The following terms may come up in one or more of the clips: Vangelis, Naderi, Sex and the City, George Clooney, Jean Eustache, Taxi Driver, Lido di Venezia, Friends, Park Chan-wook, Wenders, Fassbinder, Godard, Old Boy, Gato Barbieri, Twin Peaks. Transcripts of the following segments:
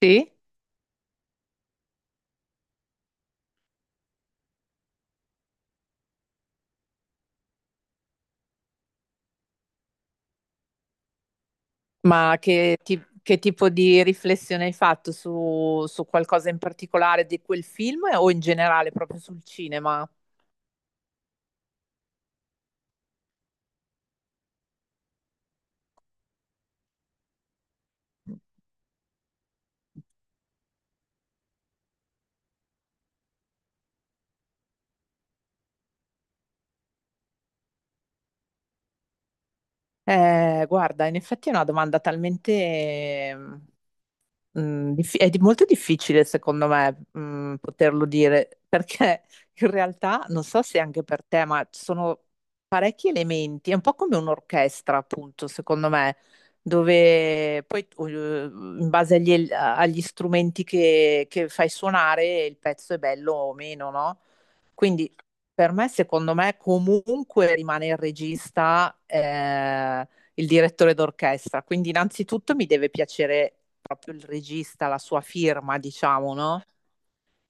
Sì, ma che, che tipo di riflessione hai fatto su qualcosa in particolare di quel film o in generale proprio sul cinema? Guarda, in effetti è una domanda talmente, molto difficile secondo me, poterlo dire, perché in realtà non so se anche per te, ma ci sono parecchi elementi, è un po' come un'orchestra, appunto, secondo me, dove poi in base agli strumenti che fai suonare il pezzo è bello o meno, no? Quindi per me, secondo me, comunque rimane il regista, il direttore d'orchestra. Quindi, innanzitutto mi deve piacere proprio il regista, la sua firma, diciamo, no?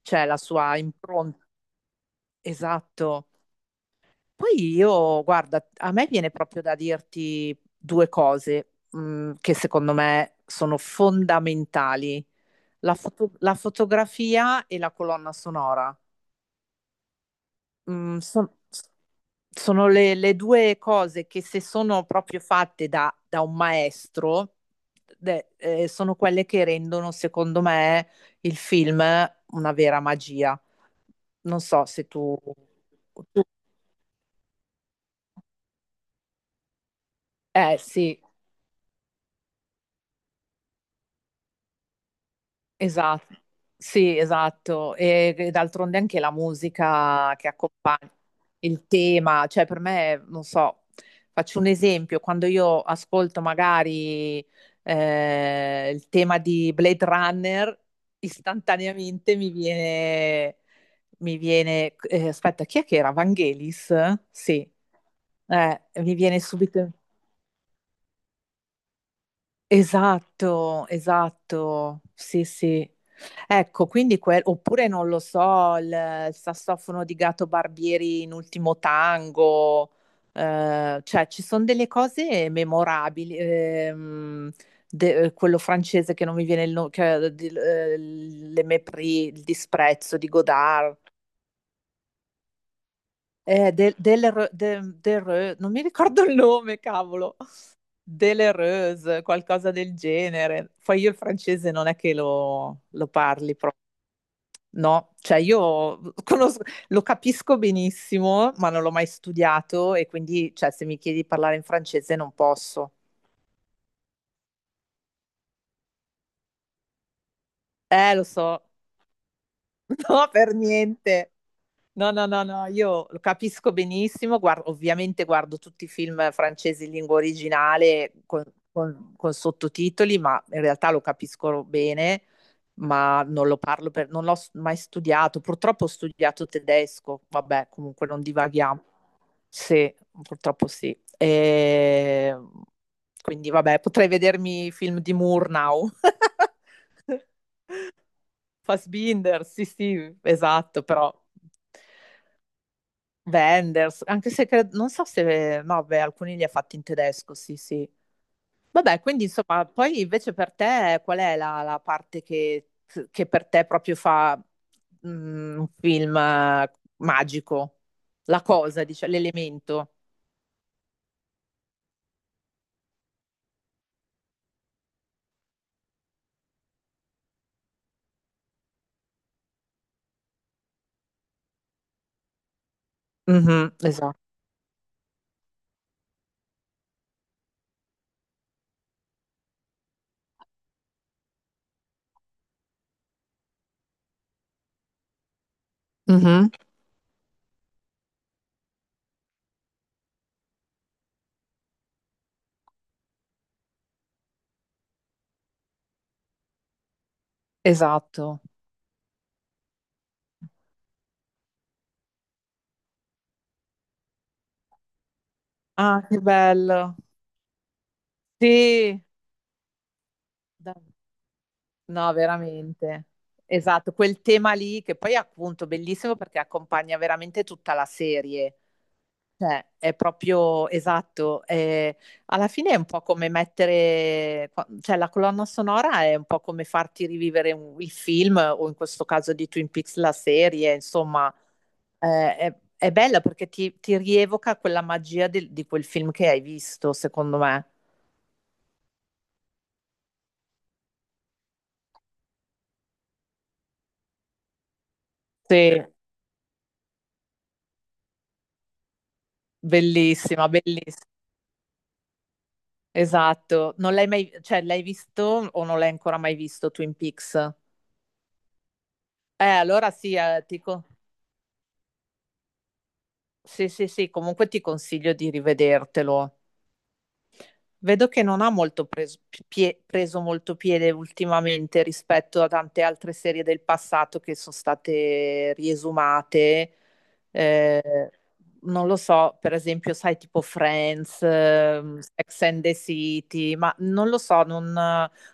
Cioè la sua impronta. Esatto. Poi io, guarda, a me viene proprio da dirti due cose, che secondo me sono fondamentali. La fotografia e la colonna sonora. Mm, son- Sono le due cose che se sono proprio fatte da un maestro, sono quelle che rendono, secondo me, il film una vera magia. Non so se tu... tu- Eh sì. Esatto, sì, esatto. E d'altronde anche la musica che accompagna il tema, cioè per me, non so, faccio un esempio, quando io ascolto magari il tema di Blade Runner, istantaneamente mi viene, aspetta, chi è che era? Vangelis? Sì. Mi viene subito. Esatto, esatto, sì, sì. Ecco, quindi oppure non lo so, il sassofono di Gato Barbieri in Ultimo Tango, cioè ci sono delle cose memorabili, quello francese che non mi viene il nome, Le Mépris, il disprezzo di Godard, del, del, Re- de- del Re- non mi ricordo il nome, cavolo, delle Reuse, qualcosa del genere. Poi io il francese non è che lo parli. No, cioè io lo capisco benissimo, ma non l'ho mai studiato e quindi, cioè, se mi chiedi di parlare in francese non posso. Lo so, no, per niente. No, no, no, no, io lo capisco benissimo, ovviamente guardo tutti i film francesi in lingua originale con sottotitoli, ma in realtà lo capisco bene, ma non lo parlo per, non l'ho mai studiato. Purtroppo ho studiato tedesco, vabbè, comunque non divaghiamo. Sì, purtroppo sì. E... Quindi vabbè, potrei vedermi i film di Moore now. Fassbinder, sì, sì, esatto, però Wenders, anche se non so se, no, beh, alcuni li ha fatti in tedesco, sì, sì. Vabbè, quindi insomma, poi invece per te qual è la parte che per te proprio fa un film magico? La cosa, diciamo, l'elemento. Mhm, esatto. Mhm. Esatto. Ah, che bello. Sì, da- no, veramente. Esatto, quel tema lì che poi è appunto bellissimo perché accompagna veramente tutta la serie. Cioè, è proprio esatto. Alla fine è un po' come mettere, cioè la colonna sonora è un po' come farti rivivere il film o in questo caso di Twin Peaks la serie, insomma, è bella perché ti rievoca quella magia di quel film che hai visto, secondo me. Sì, Bellissima, belliss esatto. Non l'hai mai, cioè, l'hai visto o non l'hai ancora mai visto Twin Peaks? Allora sì, sì, sì, sì, comunque ti consiglio di rivedertelo. Vedo che non ha molto preso molto piede ultimamente rispetto a tante altre serie del passato che sono state riesumate. Eh, non lo so, per esempio, sai, tipo Friends, Sex and the City, ma non lo so, non,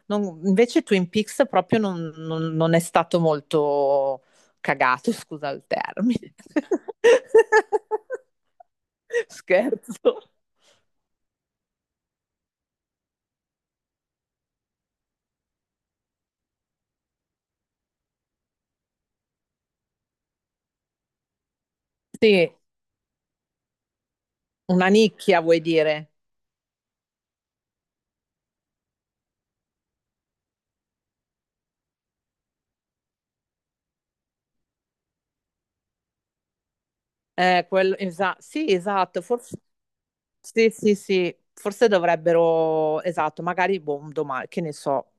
non- invece Twin Peaks proprio non è stato molto cagato, scusa il termine. Scherzo. Sì, una nicchia, vuoi dire? Quello, sì, esatto, forse sì, sì, sì, forse dovrebbero, esatto, magari boh, domani, che ne so.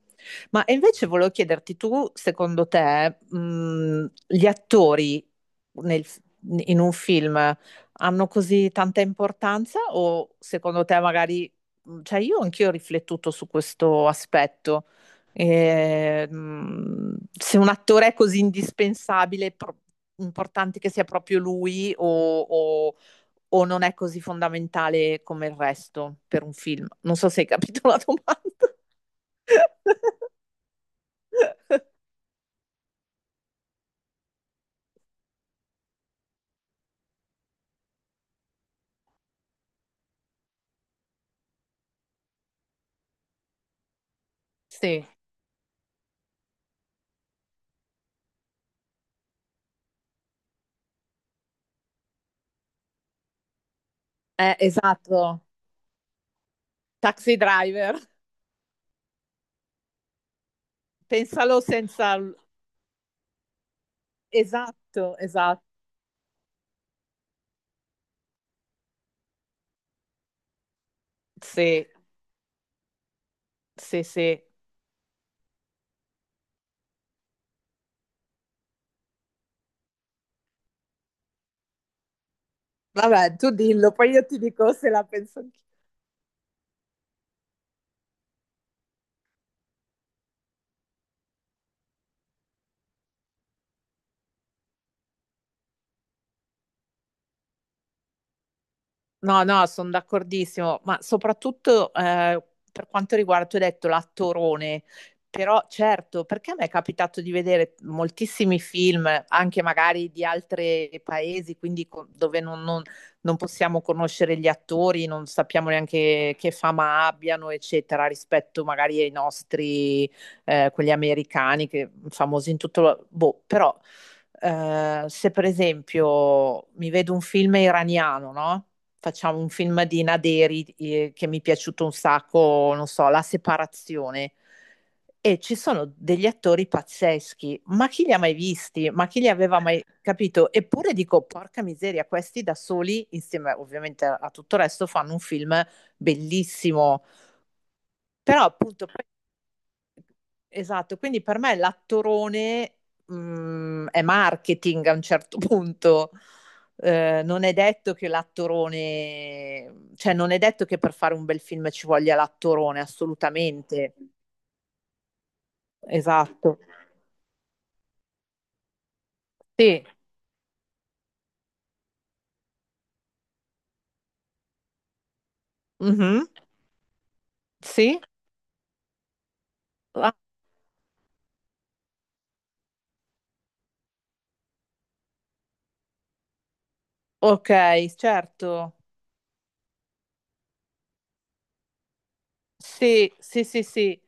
Ma e invece volevo chiederti tu, secondo te, gli attori nel- in un film hanno così tanta importanza o secondo te magari, cioè io anch'io ho riflettuto su questo aspetto. E, se un attore è così indispensabile, importante che sia proprio lui o... o non è così fondamentale come il resto per un film? Non so se hai capito la domanda. Sì, eh, esatto. Taxi Driver, pensalo senza... Esatto, esatto, sì, sì, sì. Vabbè, tu dillo, poi io ti dico se la penso anch'io. No, no, sono d'accordissimo, ma soprattutto per quanto riguarda, tu hai detto l'attorone, però certo, perché a me è capitato di vedere moltissimi film, anche magari di altri paesi, quindi dove non possiamo conoscere gli attori, non sappiamo neanche che fama abbiano, eccetera, rispetto magari ai nostri, quelli americani, che famosi in tutto... Boh, però se per esempio mi vedo un film iraniano, no? Facciamo un film di Naderi, che mi è piaciuto un sacco, non so, La separazione. E ci sono degli attori pazzeschi, ma chi li ha mai visti? Ma chi li aveva mai capito? Eppure dico, porca miseria, questi da soli, insieme ovviamente a tutto il resto, fanno un film bellissimo. Però appunto. Esatto, quindi per me l'attorone è marketing a un certo punto. Non è detto che l'attorone, cioè non è detto che per fare un bel film ci voglia l'attorone, assolutamente. Esatto. Sì. Mhm. Sì. Ah, ok, certo. Sì, sì, sì, sì.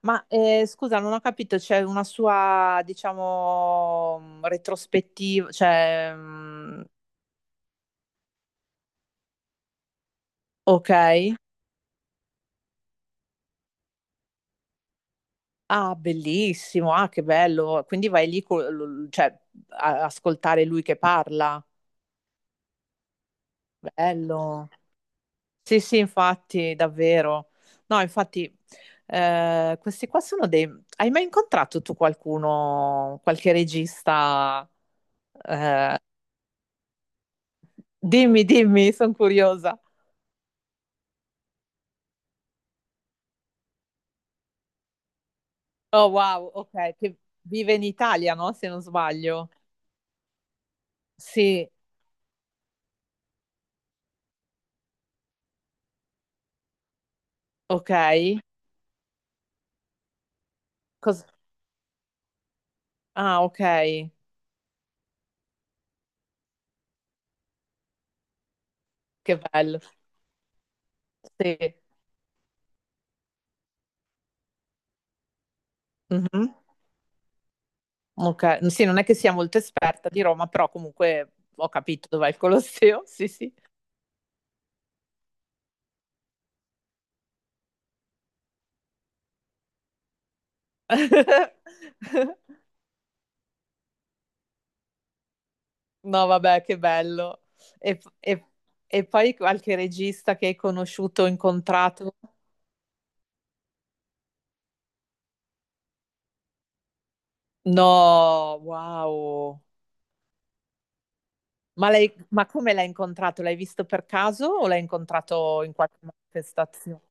Ma scusa, non ho capito, c'è una sua, diciamo, retrospettiva, cioè, ok. Ah, bellissimo, ah, che bello. Quindi vai lì, cioè, a ascoltare lui che parla. Bello. Sì, sì, infatti, davvero. No, infatti, questi qua sono dei... Hai mai incontrato tu qualcuno, qualche regista? Eh, dimmi, dimmi, sono curiosa. Oh, wow, ok, che vive in Italia, no? Se non sbaglio. Sì, ok. Cos- ah, ok, che bello. Sì. Mhm. Ok, sì, non è che sia molto esperta di Roma, però comunque ho capito dov'è il Colosseo. Sì, sì. No, vabbè, che bello. E, e- e poi qualche regista che hai conosciuto, incontrato? No, wow. Ma lei, ma come l'hai incontrato? L'hai visto per caso o l'hai incontrato in qualche manifestazione?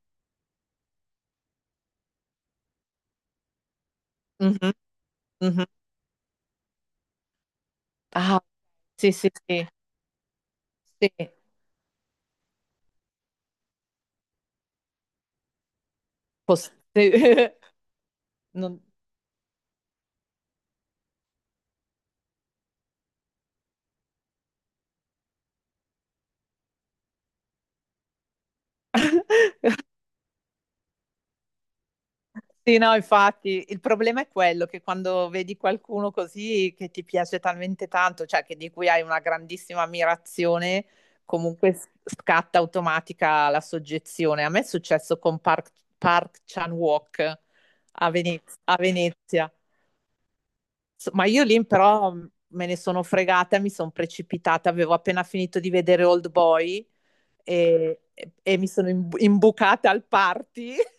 Mhm, mhm. Ah, sì, sì, sì. Sì, sì. Non- Sì, no, infatti, il problema è quello che quando vedi qualcuno così che ti piace talmente tanto, cioè che di cui hai una grandissima ammirazione, comunque scatta automatica la soggezione. A me è successo con Park Chan-wook a Venezia. Ma io lì però me ne sono fregata, mi sono precipitata, avevo appena finito di vedere Old Boy e, e mi sono imbucata al party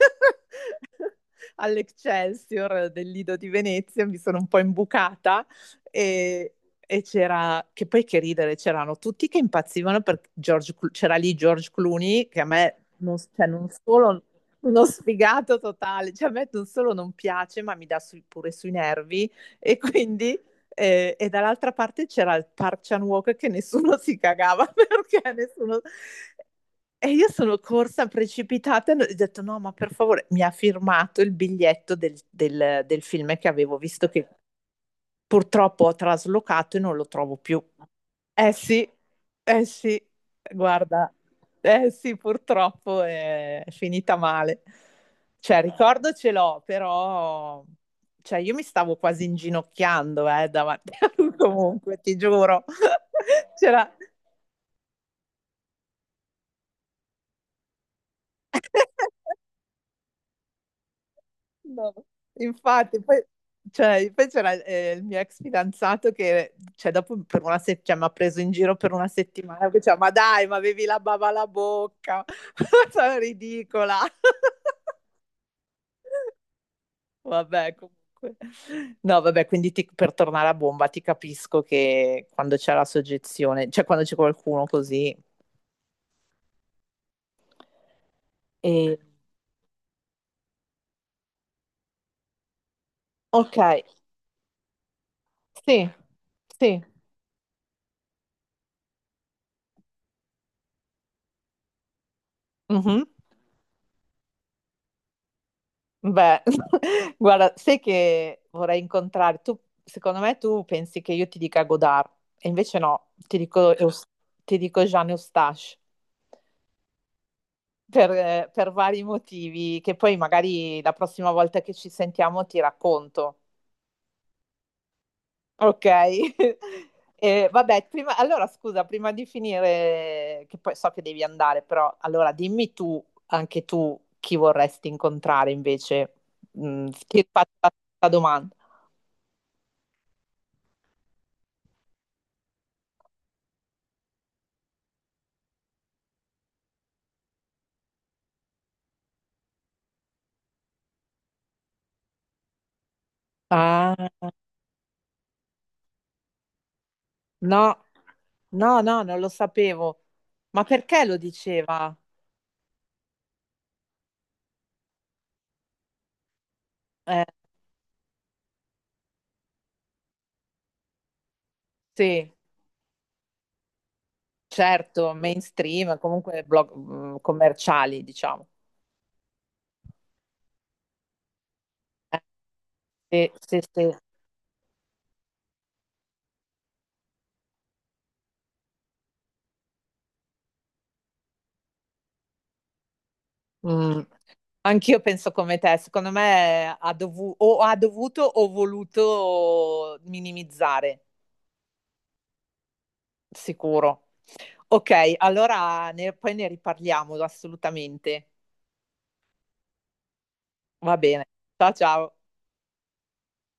all'Excelsior del Lido di Venezia, mi sono un po' imbucata e c'era, che poi che ridere, c'erano tutti che impazzivano per George, c'era lì George Clooney che a me non, cioè, non solo uno sfigato totale, cioè a me non solo non piace ma mi dà pure sui nervi, e quindi e dall'altra parte c'era il Parchan Walk che nessuno si cagava, perché nessuno... E io sono corsa precipitata e ho detto no, ma per favore, mi ha firmato il biglietto del film che avevo visto, che purtroppo ho traslocato e non lo trovo più. Eh sì, eh sì, guarda, eh sì, purtroppo è finita male. Cioè, ricordo ce l'ho, però, cioè, io mi stavo quasi inginocchiando, davanti a lui comunque, ti giuro. C'era... No, infatti, poi, cioè, poi c'era il mio ex fidanzato, che cioè, dopo per una cioè, mi ha preso in giro per una settimana, che diceva, ma dai, ma avevi la bava alla bocca, sono ridicola. Vabbè, comunque. No, vabbè, quindi per tornare a bomba ti capisco che quando c'è la soggezione, cioè quando c'è qualcuno così. E... Ok, sì, sì. Mhm. Beh, guarda, sai che vorrei incontrare, tu, secondo me tu pensi che io ti dica Godard, e invece no, ti dico, Jean Eustache, per vari motivi, che poi magari la prossima volta che ci sentiamo ti racconto, ok? Vabbè, allora scusa, prima di finire, che poi so che devi andare, però allora dimmi tu, anche tu, chi vorresti incontrare invece. Ti faccio la domanda. Ah, no, no, no, non lo sapevo. Ma perché lo diceva? Eh, sì, certo, mainstream, comunque blog, commerciali, diciamo. Eh, sì, sì, sì. Mm, Anch'io penso come te, secondo me ha dovu- o ha dovuto o voluto minimizzare, sicuro. Ok, allora poi ne riparliamo assolutamente. Va bene. Ciao, ciao.